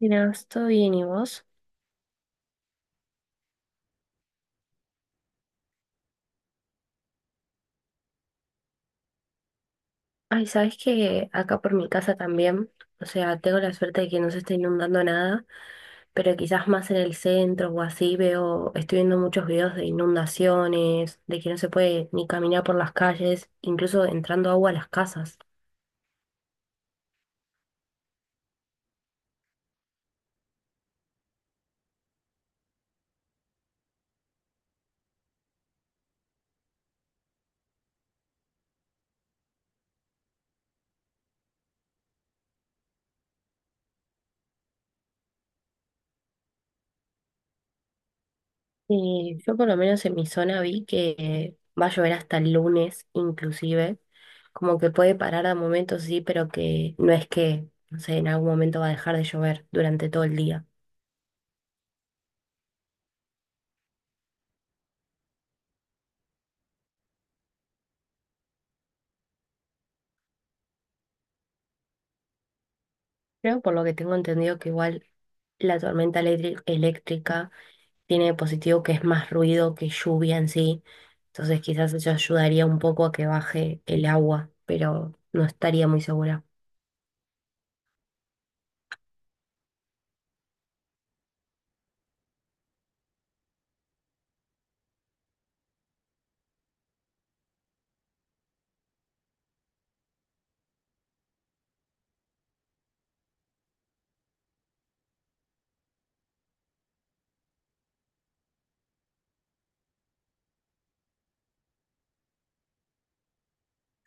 Mira, estoy bien, ¿y vos? Ay, ¿sabes que acá por mi casa también, o sea, tengo la suerte de que no se está inundando nada? Pero quizás más en el centro o así veo, estoy viendo muchos videos de inundaciones, de que no se puede ni caminar por las calles, incluso entrando agua a las casas. Y yo por lo menos en mi zona vi que va a llover hasta el lunes, inclusive, como que puede parar a momentos, sí, pero que no es que, no sé, en algún momento va a dejar de llover durante todo el día. Creo por lo que tengo entendido que igual la tormenta eléctrica tiene de positivo que es más ruido que lluvia en sí. Entonces quizás eso ayudaría un poco a que baje el agua, pero no estaría muy segura.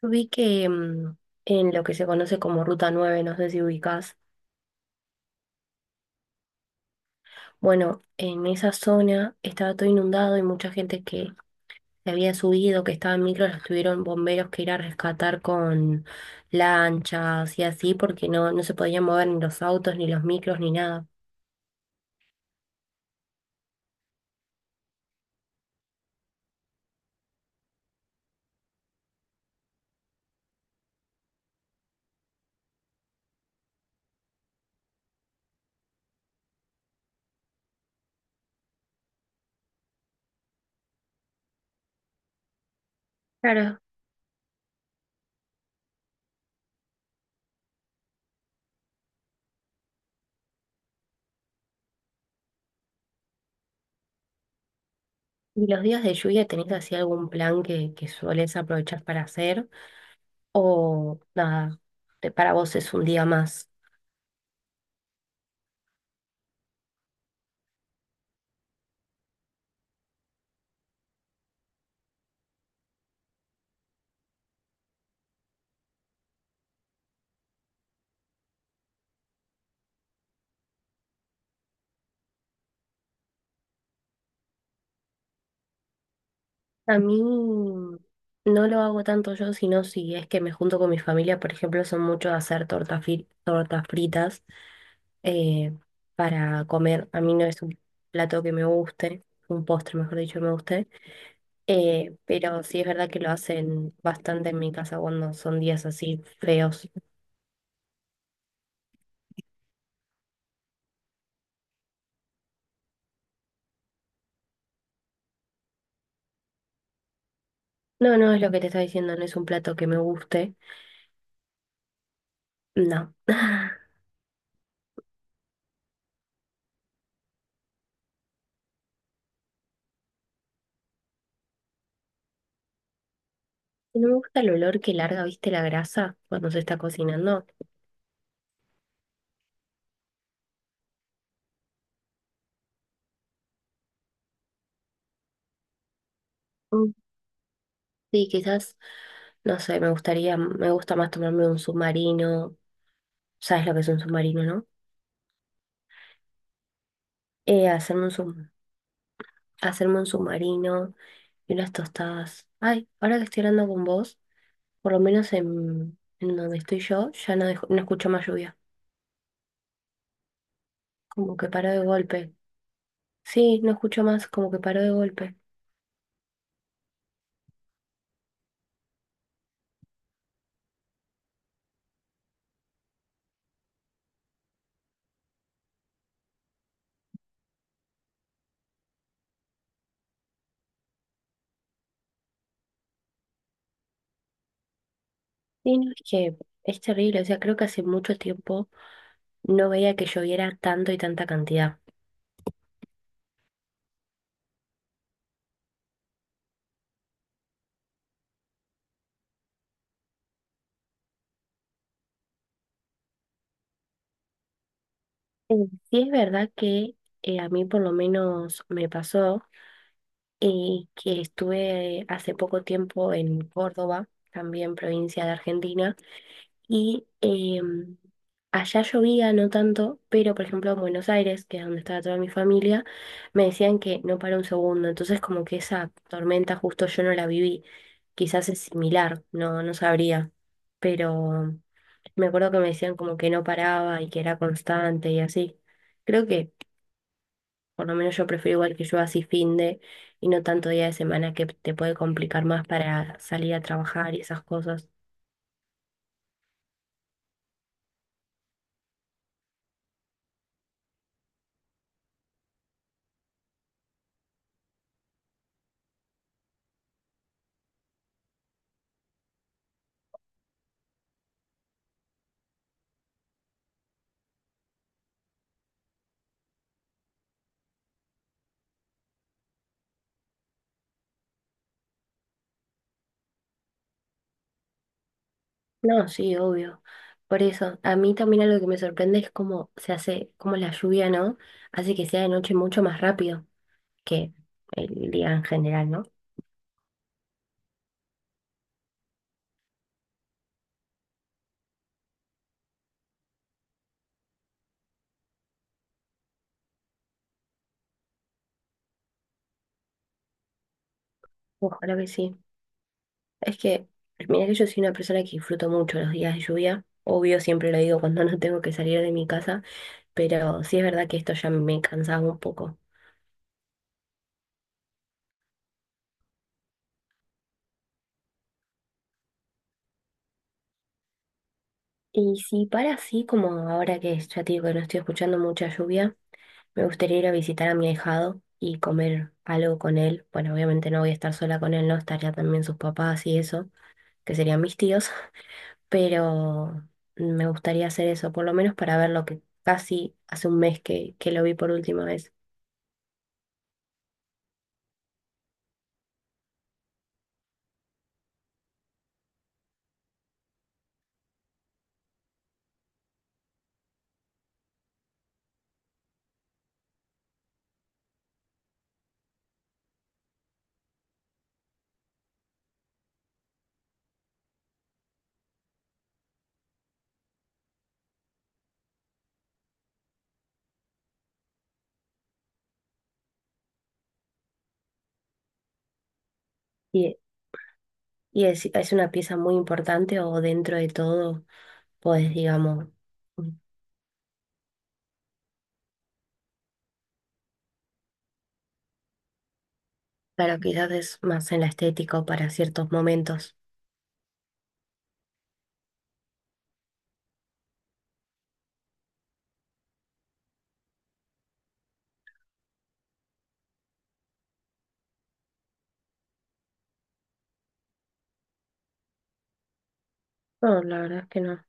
Yo vi que en lo que se conoce como Ruta 9, no sé si ubicás. Bueno, en esa zona estaba todo inundado y mucha gente que había subido, que estaba en micro, los tuvieron bomberos que ir a rescatar con lanchas y así, porque no, no se podían mover ni los autos, ni los micros, ni nada. Claro. ¿Y los días de lluvia tenés así algún plan que sueles aprovechar para hacer? ¿O nada, para vos es un día más? A mí no lo hago tanto yo, sino si es que me junto con mi familia, por ejemplo, son muchos de hacer tortas fritas eh, para comer. A mí no es un plato que me guste, un postre, mejor dicho, que me guste. Pero sí es verdad que lo hacen bastante en mi casa cuando son días así feos. No, no es lo que te estaba diciendo, no es un plato que me guste, no. No me gusta el olor que larga, viste, la grasa cuando se está cocinando. Mm. Sí, quizás, no sé, me gustaría, me gusta más tomarme un submarino. ¿Sabes lo que es un submarino, no? Eh, hacerme un, sub- Hacerme un submarino y unas tostadas. Ay, ahora que estoy hablando con vos, por lo menos en donde estoy yo, ya no, no escucho más lluvia. Como que paró de golpe. Sí, no escucho más, como que paró de golpe. Y no, es que es terrible, o sea, creo que hace mucho tiempo no veía que lloviera tanto y tanta cantidad. Eh, Sí, es verdad que a mí por lo menos me pasó que estuve hace poco tiempo en Córdoba, también provincia de Argentina. Y allá llovía, no tanto, pero por ejemplo en Buenos Aires, que es donde estaba toda mi familia, me decían que no para un segundo. Entonces como que esa tormenta justo yo no la viví. Quizás es similar, no, no sabría. Pero me acuerdo que me decían como que no paraba y que era constante y así. Creo que por lo menos yo prefiero igual que yo así fin de y no tanto día de semana que te puede complicar más para salir a trabajar y esas cosas. No, sí, obvio. Por eso, a mí también algo que me sorprende es cómo se hace, cómo la lluvia, ¿no? Hace que sea de noche mucho más rápido que el día en general, ¿no? Ojalá que sí. Es que, mira que yo soy una persona que disfruto mucho los días de lluvia. Obvio, siempre lo digo cuando no tengo que salir de mi casa, pero sí es verdad que esto ya me cansaba un poco. Y si para así, como ahora que ya te digo que no estoy escuchando mucha lluvia. Me gustaría ir a visitar a mi ahijado y comer algo con él. Bueno, obviamente no voy a estar sola con él, no estaría también sus papás y eso, que serían mis tíos, pero me gustaría hacer eso, por lo menos para ver lo que casi hace un mes que lo vi por última vez. Y, y es una pieza muy importante o dentro de todo, pues digamos, claro, quizás es más en la estética o para ciertos momentos. No, la verdad es que no.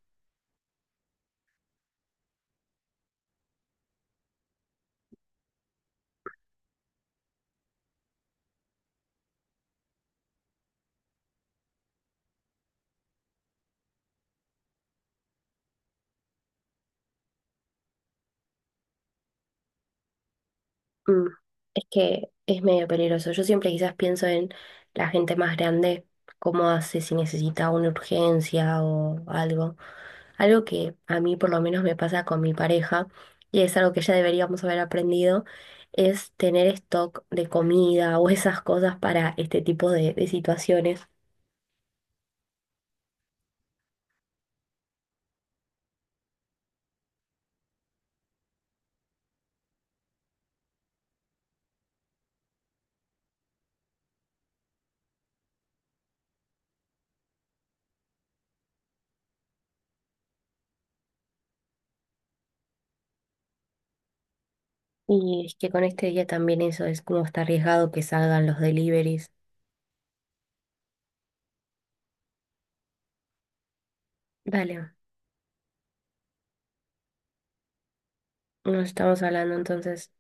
Mm, es que es medio peligroso. Yo siempre quizás pienso en la gente más grande, cómo hace si necesita una urgencia o algo. Algo que a mí por lo menos me pasa con mi pareja, y es algo que ya deberíamos haber aprendido, es tener stock de comida o esas cosas para este tipo de situaciones. Y es que con este día también eso es como está arriesgado que salgan los deliveries. Dale, nos estamos hablando entonces.